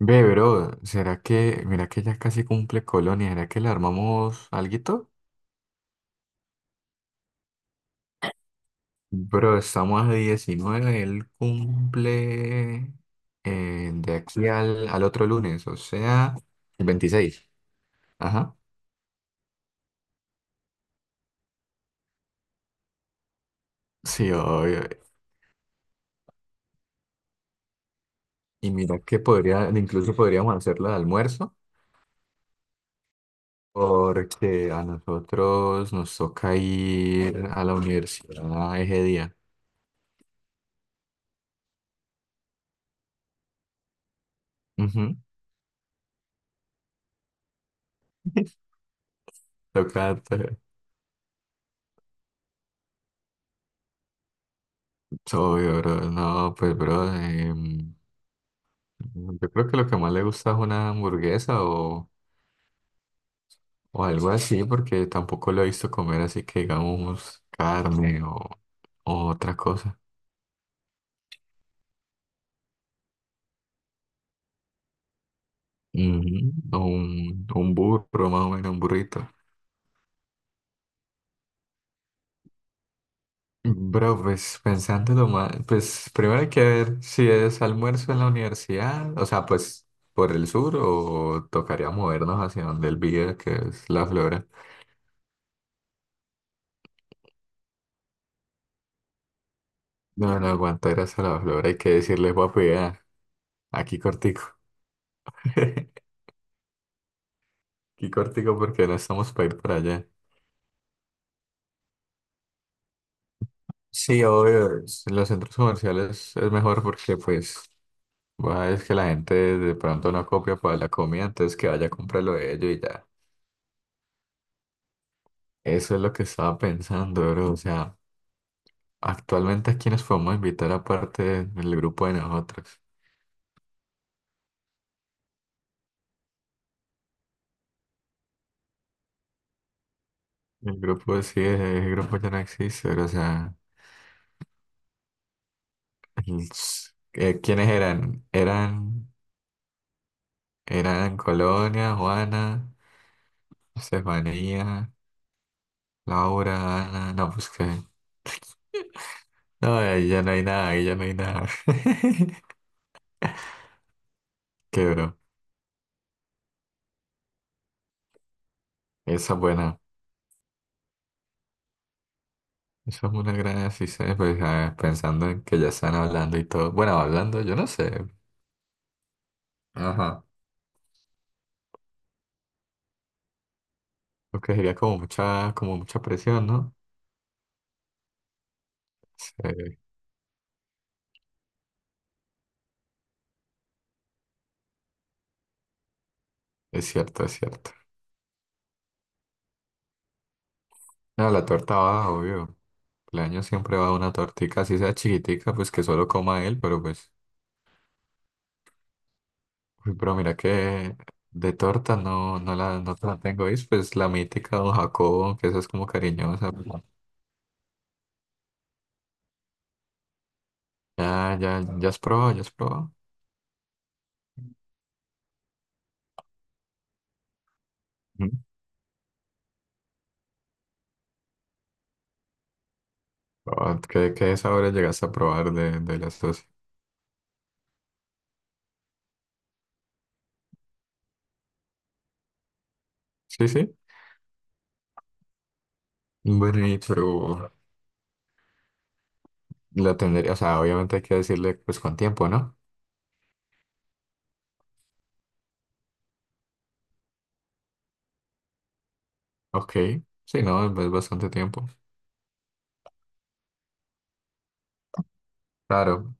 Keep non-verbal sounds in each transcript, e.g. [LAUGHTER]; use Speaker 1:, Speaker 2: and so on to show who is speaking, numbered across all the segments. Speaker 1: Ve, bro, ¿será que, mira que ya casi cumple Colonia, ¿será que le armamos alguito? Bro, estamos a 19, él cumple de aquí al otro lunes, o sea, el 26. Ajá. Sí, obvio. Y mira que podría, incluso podríamos hacerlo de almuerzo, porque a nosotros nos toca ir a la universidad ese día. Ujú. [LAUGHS] Toca, obvio, bro. No, pues, bro. Yo creo que lo que más le gusta es una hamburguesa o algo así, porque tampoco lo he visto comer así que digamos carne o otra cosa. Ujú. O un burro, más o menos, un burrito. Bro, pues pensándolo más, pues primero hay que ver si es almuerzo en la universidad, o sea, pues por el sur o tocaría movernos hacia donde él vive, que es la Flora. No, no aguantar hasta la Flora, hay que decirle, papi, aquí cortico. [LAUGHS] Qué cortico porque no estamos para ir para allá. Sí, obvio, en los centros comerciales es mejor porque pues va, es que la gente de pronto no copia para la comida, entonces que vaya a comprarlo de ellos y ya. Eso es lo que estaba pensando, bro. O sea, actualmente a quiénes podemos invitar aparte del grupo de nosotros. El grupo sí, el grupo ya no existe, bro. O sea, el- ¿quiénes eran? Eran, eran Colonia, Juana, Estefanía, Laura, Ana, no, pues que no, ahí ya no hay nada, ahí ya no hay nada. [LAUGHS] Quebró. Esa es buena. Esa es una gran decisión, pues, pensando en que ya están hablando y todo. Bueno, hablando, yo no sé. Ajá. Lo que sería como mucha presión, ¿no? Sí, es cierto, es cierto. No, la torta va, obvio. El año siempre va una tortica, así sea chiquitica, pues que solo coma él, pero pues. Uy, pero mira que de torta no, no te la tengo, ¿viste? Pues la mítica Don Jacobo, que esa es como cariñosa, pues. Ya, ya, ya has probado, ya has probado. Ujú. Ah, ¿qué, qué sabores llegaste a probar de las dos? Sí, sí. Bueno, y pero la tendría, o sea, obviamente hay que decirle pues con tiempo, ¿no? Ok, sí, no, es bastante tiempo. Claro,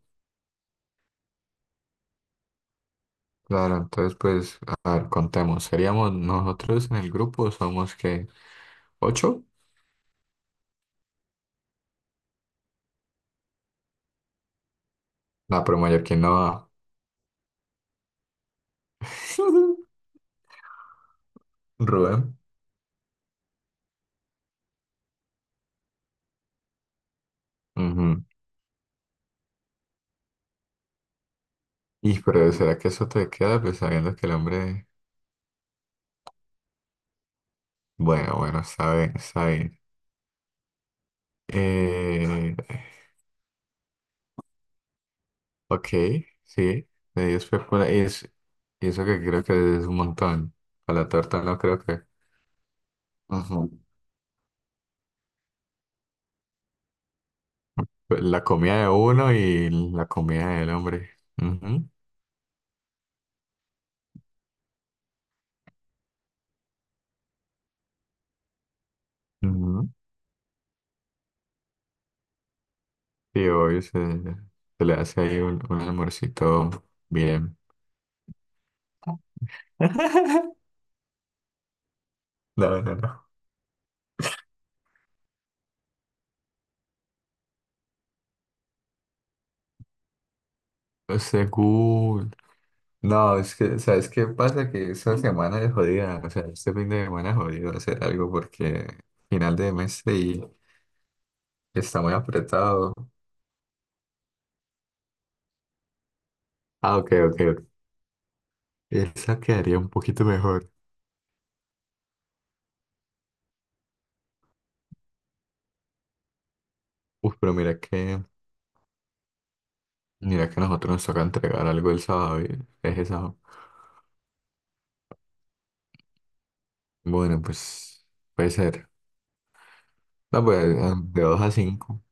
Speaker 1: claro, entonces pues, a ver, contemos. ¿Seríamos nosotros en el grupo? ¿Somos que ¿ocho? No, pero mayor que no va. [LAUGHS] Rubén. Ujú. Y pero ¿será que eso te queda? Pues sabiendo que el hombre... Bueno, bueno, está bien, está bien. Eh, ok, sí, de 10 féculas y, es, y eso que creo que es un montón. Para la torta no creo que... Ujú. La comida de uno y la comida del hombre. Ujú, ujú. Y hoy se, se le hace ahí un almuercito bien. [LAUGHS] No, no, no. Según... No, es que, ¿sabes qué pasa? Que esta semana es jodida, o sea, este fin de semana es jodido hacer algo porque final de mes y está muy apretado. Ah, ok, ok, ok. Esa quedaría un poquito mejor. Uf, pero mira que a nosotros nos toca entregar algo el sábado, y es el sábado. Bueno, pues puede ser. No, pues de dos a cinco.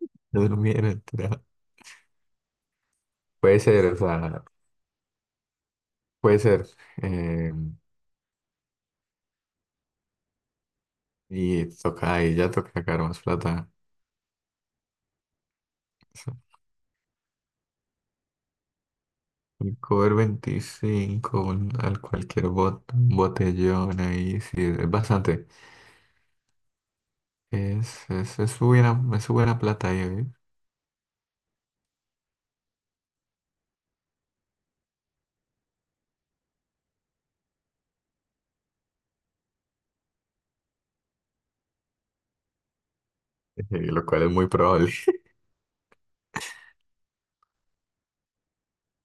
Speaker 1: [LAUGHS] No, no, mira. [LAUGHS] Puede ser, o sea, puede ser. Eh, y toca ahí, ya toca sacar más plata. Eso. El cover veinticinco, al cualquier botellón ahí, sí, es bastante. Es buena plata ahí, lo cual es muy probable. [LAUGHS]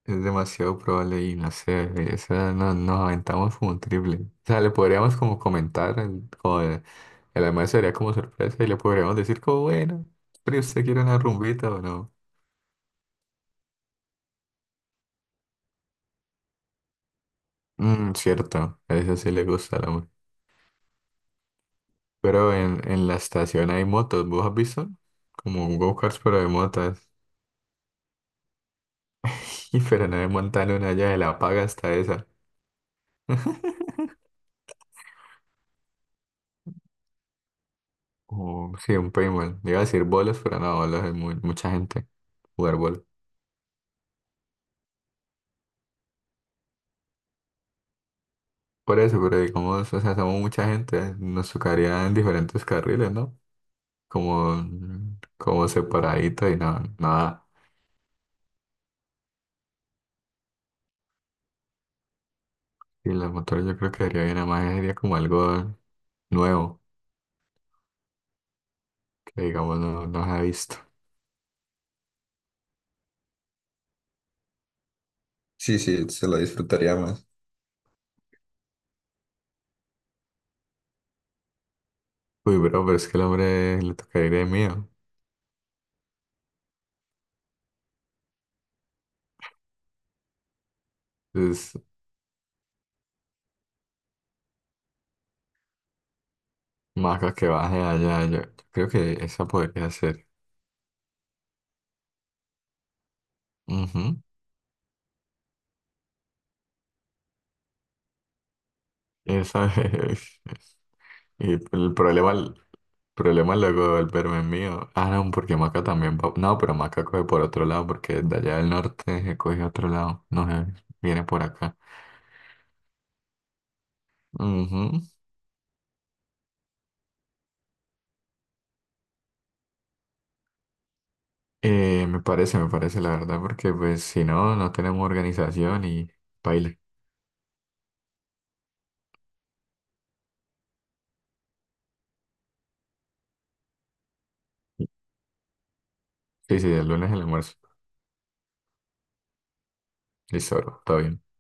Speaker 1: Es demasiado probable y no sé, esa o no, nos aventamos como un triple. O sea, le podríamos como comentar, como el almuerzo sería como sorpresa y le podríamos decir como, bueno, pero usted quiere una rumbita o no. Mm, cierto, a eso sí le gusta la amor. Pero en la estación hay motos, ¿vos has visto? Como un go-karts pero de motas. [LAUGHS] Y pero no me montan una ya de la paga hasta esa. [LAUGHS] O sí, un paintball. Iba a decir bolos, pero no, bolos es muy, mucha gente. Jugar bolos. Por eso, pero digamos, o sea, somos mucha gente, nos tocaría en diferentes carriles, ¿no? Como, como separadito y no, nada. Y los motores yo creo que sería bien, además sería como algo nuevo, que digamos no, no se ha visto. Sí, sí, se lo disfrutaría más. Uy, bro, pero es que el hombre le tocaría ir de mío. Entonces, Maca que baje allá, yo creo que esa podría ser. Ujú, esa es. [LAUGHS] Y el problema, problema luego del verme mío. Ah, no, porque Maca también va. No, pero Maca coge por otro lado, porque de allá del norte se coge otro lado. No sé, viene por acá. Ujú. Me parece, la verdad, porque pues si no, no tenemos organización y baile. Sí, sí, el lunes el almuerzo. Listo, bro, todo bien.